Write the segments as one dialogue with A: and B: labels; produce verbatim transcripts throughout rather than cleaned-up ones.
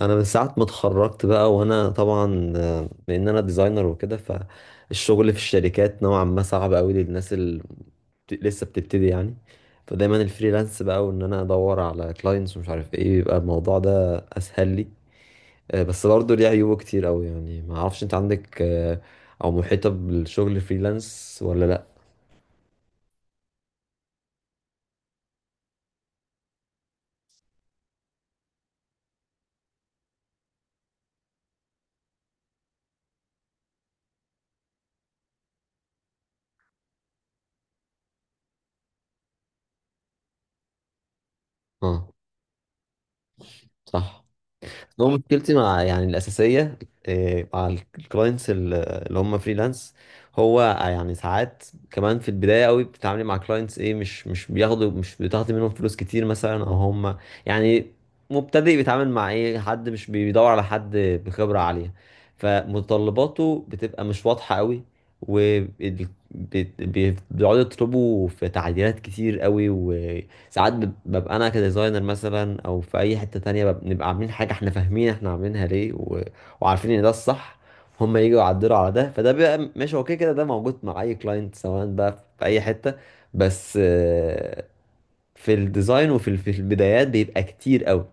A: انا من ساعه ما اتخرجت بقى وانا طبعا آه، لان انا ديزاينر وكده فالشغل في الشركات نوعا ما صعب قوي للناس اللي لسه بتبتدي يعني. فدايما الفريلانس بقى وان انا ادور على كلاينتس ومش عارف ايه، بيبقى الموضوع ده اسهل لي. آه، بس برضه ليه عيوبه كتير قوي، يعني ما اعرفش انت عندك آه، او محيطه بالشغل فريلانس ولا لا؟ اه، صح. هو مشكلتي مع يعني الأساسية آه، مع الكلاينتس اللي هم فريلانس، هو يعني ساعات كمان في البداية قوي بتتعاملي مع كلاينتس ايه، مش مش بياخدوا مش بتاخدي منهم فلوس كتير مثلا، او هم يعني مبتدئ بيتعامل مع ايه، حد مش بيدور على حد بخبرة عالية. فمتطلباته بتبقى مش واضحة قوي وبيقعدوا يطلبوا في تعديلات كتير قوي. ساعات بب- ببقى انا كديزاينر مثلا، او في اي حتة تانية بب- بنبقى عاملين حاجة احنا فاهمين احنا عاملينها ليه، و... وعارفين ان ده الصح. هم يجوا يعدلوا على ده، فده بيبقى ماشي. هو كده كده ده موجود مع اي كلاينت سواء بقى في اي حتة، بس آه، في الديزاين وفي ال- في البدايات بيبقى كتير قوي.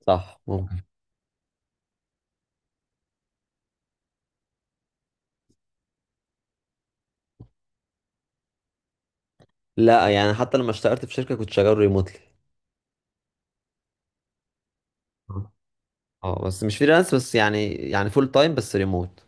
A: صح، ممكن. لا، يعني حتى لما اشتغلت في شركة كنت شغال ريموتلي. اه، بس مش فريلانس، بس يعني يعني فول تايم بس ريموت.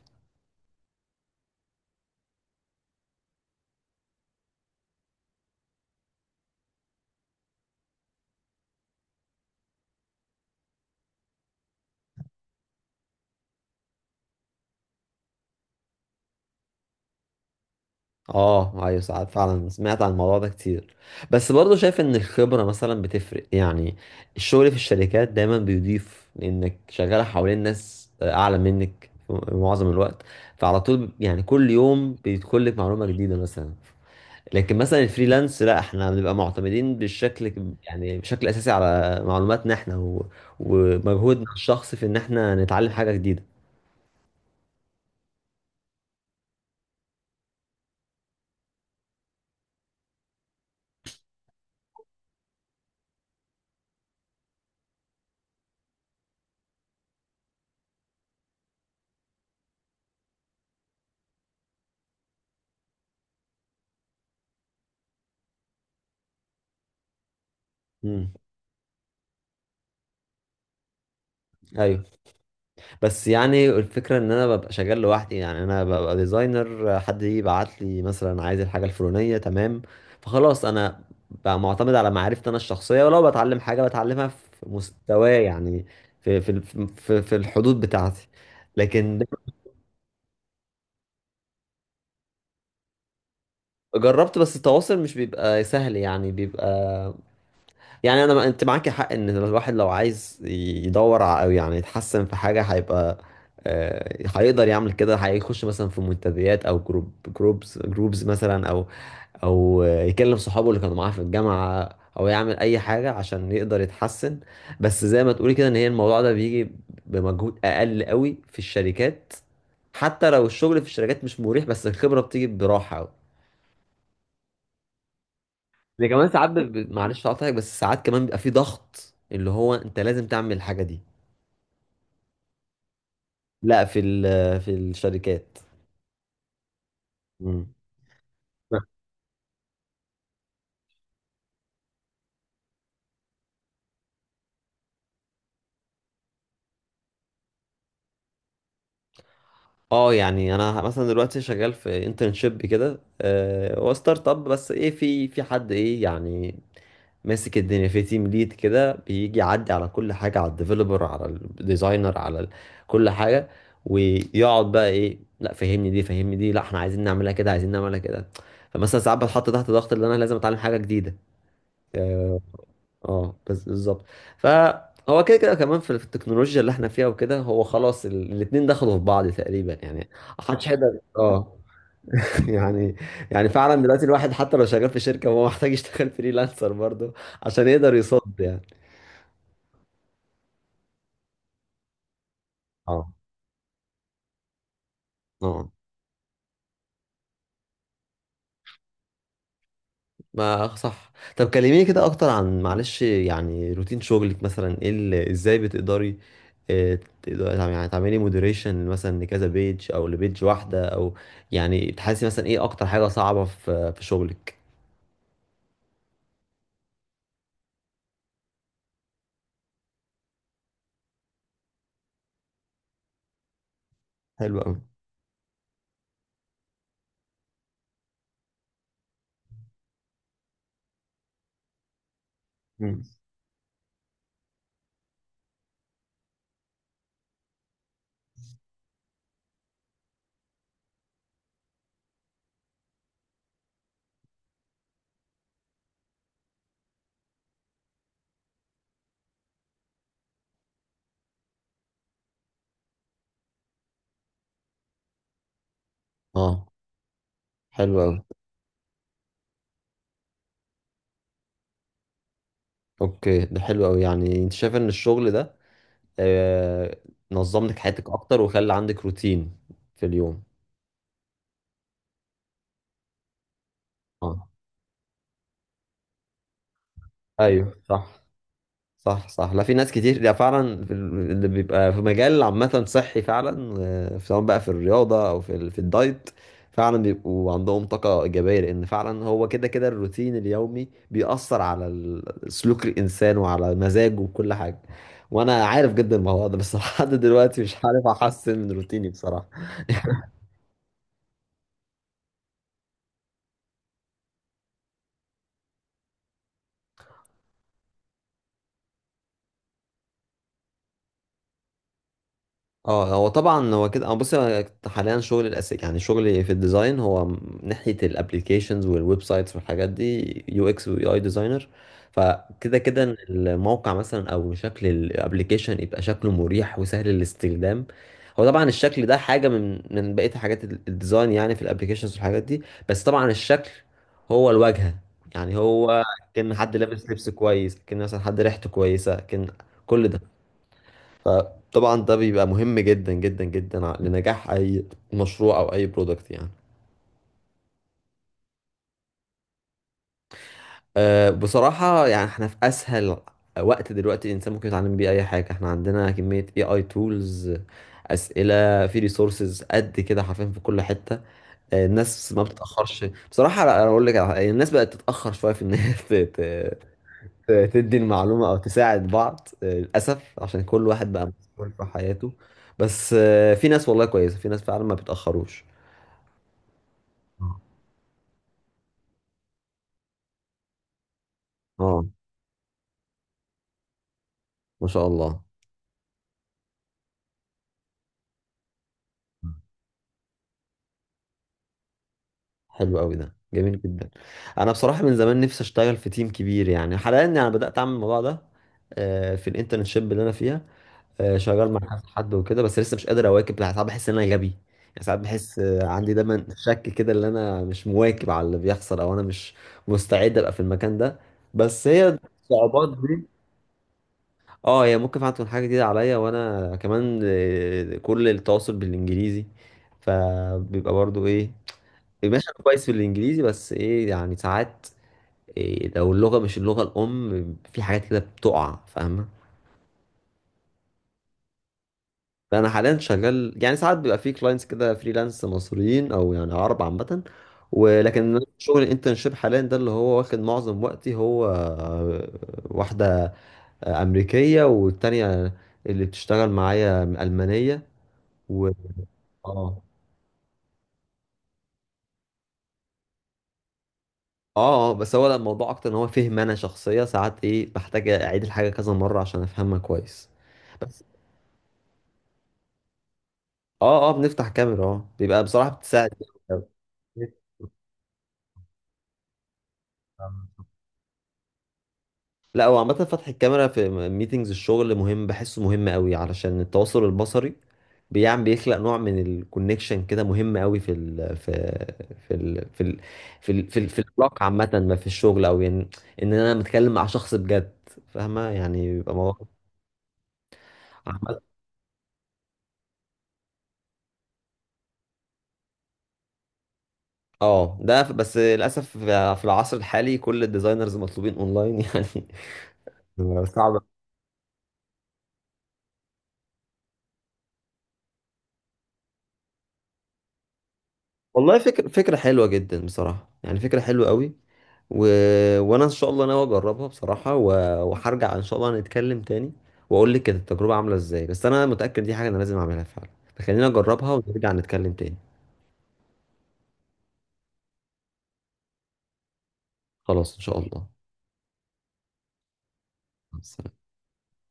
A: اه ايوه، ساعات فعلا سمعت عن الموضوع ده كتير، بس برضه شايف ان الخبرة مثلا بتفرق يعني. الشغل في الشركات دايما بيضيف لانك شغال حوالين ناس اعلى منك في معظم الوقت، فعلى طول يعني كل يوم بيدخل لك معلومة جديدة مثلا. لكن مثلا الفريلانس لا، احنا بنبقى معتمدين بالشكل، يعني بشكل اساسي على معلوماتنا احنا و... ومجهودنا الشخصي في ان احنا نتعلم حاجة جديدة. امم. ايوه، بس يعني الفكرة ان انا ببقى شغال لوحدي، يعني انا ببقى ديزاينر، حد يبعت لي مثلا عايز الحاجة الفلانية، تمام، فخلاص انا بقى معتمد على معرفتي انا الشخصية، ولو بتعلم حاجة بتعلمها في مستواي يعني، في في في, في الحدود بتاعتي. لكن جربت، بس التواصل مش بيبقى سهل يعني، بيبقى يعني. انا ما انت معاكي حق ان الواحد لو عايز يدور ع- او يعني يتحسن في حاجه، هيبقى آه، هيقدر يعمل كده. هيخش مثلا في منتديات او جروب جروبز جروبز مثلا، او او آه، يكلم صحابه اللي كانوا معاه في الجامعه، او يعمل اي حاجه عشان يقدر يتحسن. بس زي ما تقولي كده ان هي الموضوع ده بيجي بمجهود اقل قوي في الشركات، حتى لو الشغل في الشركات مش مريح، بس الخبره بتيجي براحه قوي. ده كمان ساعات ب... ب- معلش هقطعك، بس ساعات كمان بيبقى في ضغط، اللي هو انت لازم تعمل الحاجه دي. لا، في ال... في الشركات. مم. اه، يعني انا مثلا دلوقتي شغال في انترنشيب كده، آه، هو ستارت اب، بس ايه، في في حد ايه يعني ماسك الدنيا، في تيم ليد كده بيجي يعدي على كل حاجة، على الديفلوبر، على الديزاينر، على ال- كل حاجة، ويقعد بقى ايه، لا فهمني دي فهمني دي، لا احنا عايزين نعملها كده، عايزين نعملها كده. فمثلا ساعات بتحط تحت ضغط ان انا لازم اتعلم حاجة جديدة. اه. آه، بس بالظبط. فهو كده كده كمان في في التكنولوجيا اللي احنا فيها وكده، هو خلاص ال- الاتنين دخلوا في بعض تقريبا يعني، محدش صح هيقدر، اه يعني. يعني فعلا دلوقتي الواحد حتى لو شغال في شركة هو محتاج يشتغل فريلانسر برضه عشان يقدر يصد يعني. اه، اه. ما صح، طب كلميني كده اكتر عن، معلش يعني، روتين شغلك مثلا، ايه اللي ازاي بتقدري آه، تقدري تعم- يعني تعملي مودريشن مثلا لكذا بيج، او لبيج واحده، او يعني تحسي مثلا ايه اكتر حاجه صعبه في في شغلك. حلو قوي. مم. اه، حلو قوي. اوكي، ده حلو قوي يعني. انت شايف ان الشغل ده آه، نظم لك حياتك اكتر وخلى عندك روتين في اليوم. اه، ايوه صح. صح صح. لا، في ناس كتير ده فعلا، في ال- اللي بيبقى في مجال عامة صحي، فعلا آه، سواء بقى في الرياضة أو في ال- في الدايت، فعلا بيبقوا عندهم طاقة إيجابية، لأن فعلا هو كده كده الروتين اليومي بيأثر على ال- سلوك الإنسان وعلى مزاجه وكل حاجة. وأنا عارف جدا الموضوع ده، بس لحد دلوقتي مش عارف أحسن من روتيني بصراحة. اه، هو طبعا هو كده. أنا بص، أنا حاليا شغل الاساسي، يعني شغلي في الديزاين هو م- ناحيه الابليكيشنز والويب سايتس والحاجات دي، يو اكس ويو اي ديزاينر. فكده كده إن الموقع مثلا او شكل الابليكيشن يبقى شكله مريح وسهل الاستخدام. هو طبعا الشكل ده حاجه من من بقيه حاجات ال- الديزاين يعني في الابليكيشنز والحاجات دي، بس طبعا الشكل هو الواجهه يعني. هو كان حد لابس لبس كويس، كان مثلا حد ريحته كويسه، كان كل ده، فطبعا ده بيبقى مهم جدا جدا جدا ع- لنجاح اي مشروع او اي برودكت يعني. أه، بصراحة يعني احنا في اسهل وقت دلوقتي الانسان ممكن يتعلم بيه اي حاجة. احنا عندنا كمية، اي اي تولز، اسئلة، في ريسورسز قد كده حرفيا في كل حتة. أه، الناس ما بتتأخرش بصراحة. لا، انا اقول لك على حاجة، الناس بقت تتأخر شوية في ان هي ت- ت- ت- تدي المعلومة او تساعد بعض، أه للاسف عشان كل واحد بقى مسؤول في حياته. بس أه في ناس والله كويسة، في ناس فعلا ما بيتأخروش. اه، ما شاء الله. حلو قوي، ده جميل جدا. انا بصراحه من زمان نفسي اشتغل في تيم كبير يعني. حاليا انا بدات اعمل الموضوع ده آه، في الانترنشيب اللي انا فيها، آه، شغال مع كذا حد وكده، بس لسه مش قادر اواكب. ساعات بحس ان انا غبي يعني. ساعات بحس آه، عندي دايما شك كده ان انا مش مواكب على اللي بيحصل، او انا مش مستعد ابقى في المكان ده، بس هي الصعوبات دي. اه هي ممكن فعلا تكون حاجه جديده عليا، وانا كمان آه، كل التواصل بالانجليزي، فبيبقى برضو ايه، ماشي. أنا كويس في الانجليزي، بس ايه يعني، ساعات إيه لو اللغه مش اللغه الام، في حاجات كده بتقع، فاهمه. فانا حاليا شغال، يعني ساعات بيبقى في كلاينتس كده فريلانس مصريين او يعني عرب عامه، ولكن شغل الانترنشيب حاليا ده اللي هو واخد معظم وقتي، هو آه، واحده آه، امريكيه، والتانيه اللي بتشتغل معايا المانيه. و اه، اه. آه، بس هو لا، الموضوع اكتر ان هو فهم انا، شخصيه ساعات ايه بحتاج اعيد الحاجه كذا مره عشان افهمها كويس. اه اه، بنفتح كاميرا، اه بيبقى بصراحة بتساعد جامد أوي. لا هو عامة فتح الكاميرا في ميتينجز الشغل مهم، بحسه مهم قوي علشان التواصل البصري بيعمل، بيخلق نوع من الكونكشن كده مهم قوي في ال في في ال في ال في ال في, ال في العلاقة عامة، ما في الشغل او يعني ان انا متكلم مع شخص بجد، فاهمة يعني، بيبقى موضوع عامة. اه، ده ف- بس للأسف في العصر الحالي كل الديزاينرز مطلوبين اونلاين يعني، صعب. والله فكرة، فكرة حلوة جدا بصراحة، يعني فكرة حلوة قوي، و... وانا ان شاء الله ناوي اجربها بصراحة، و... وهرجع ان شاء الله نتكلم تاني واقول لك كانت التجربة عاملة ازاي، بس انا متأكد دي حاجة انا لازم اعملها فعلا، فخلينا نجربها ونرجع نتكلم تاني. خلاص ان شاء الله. مع السلامة.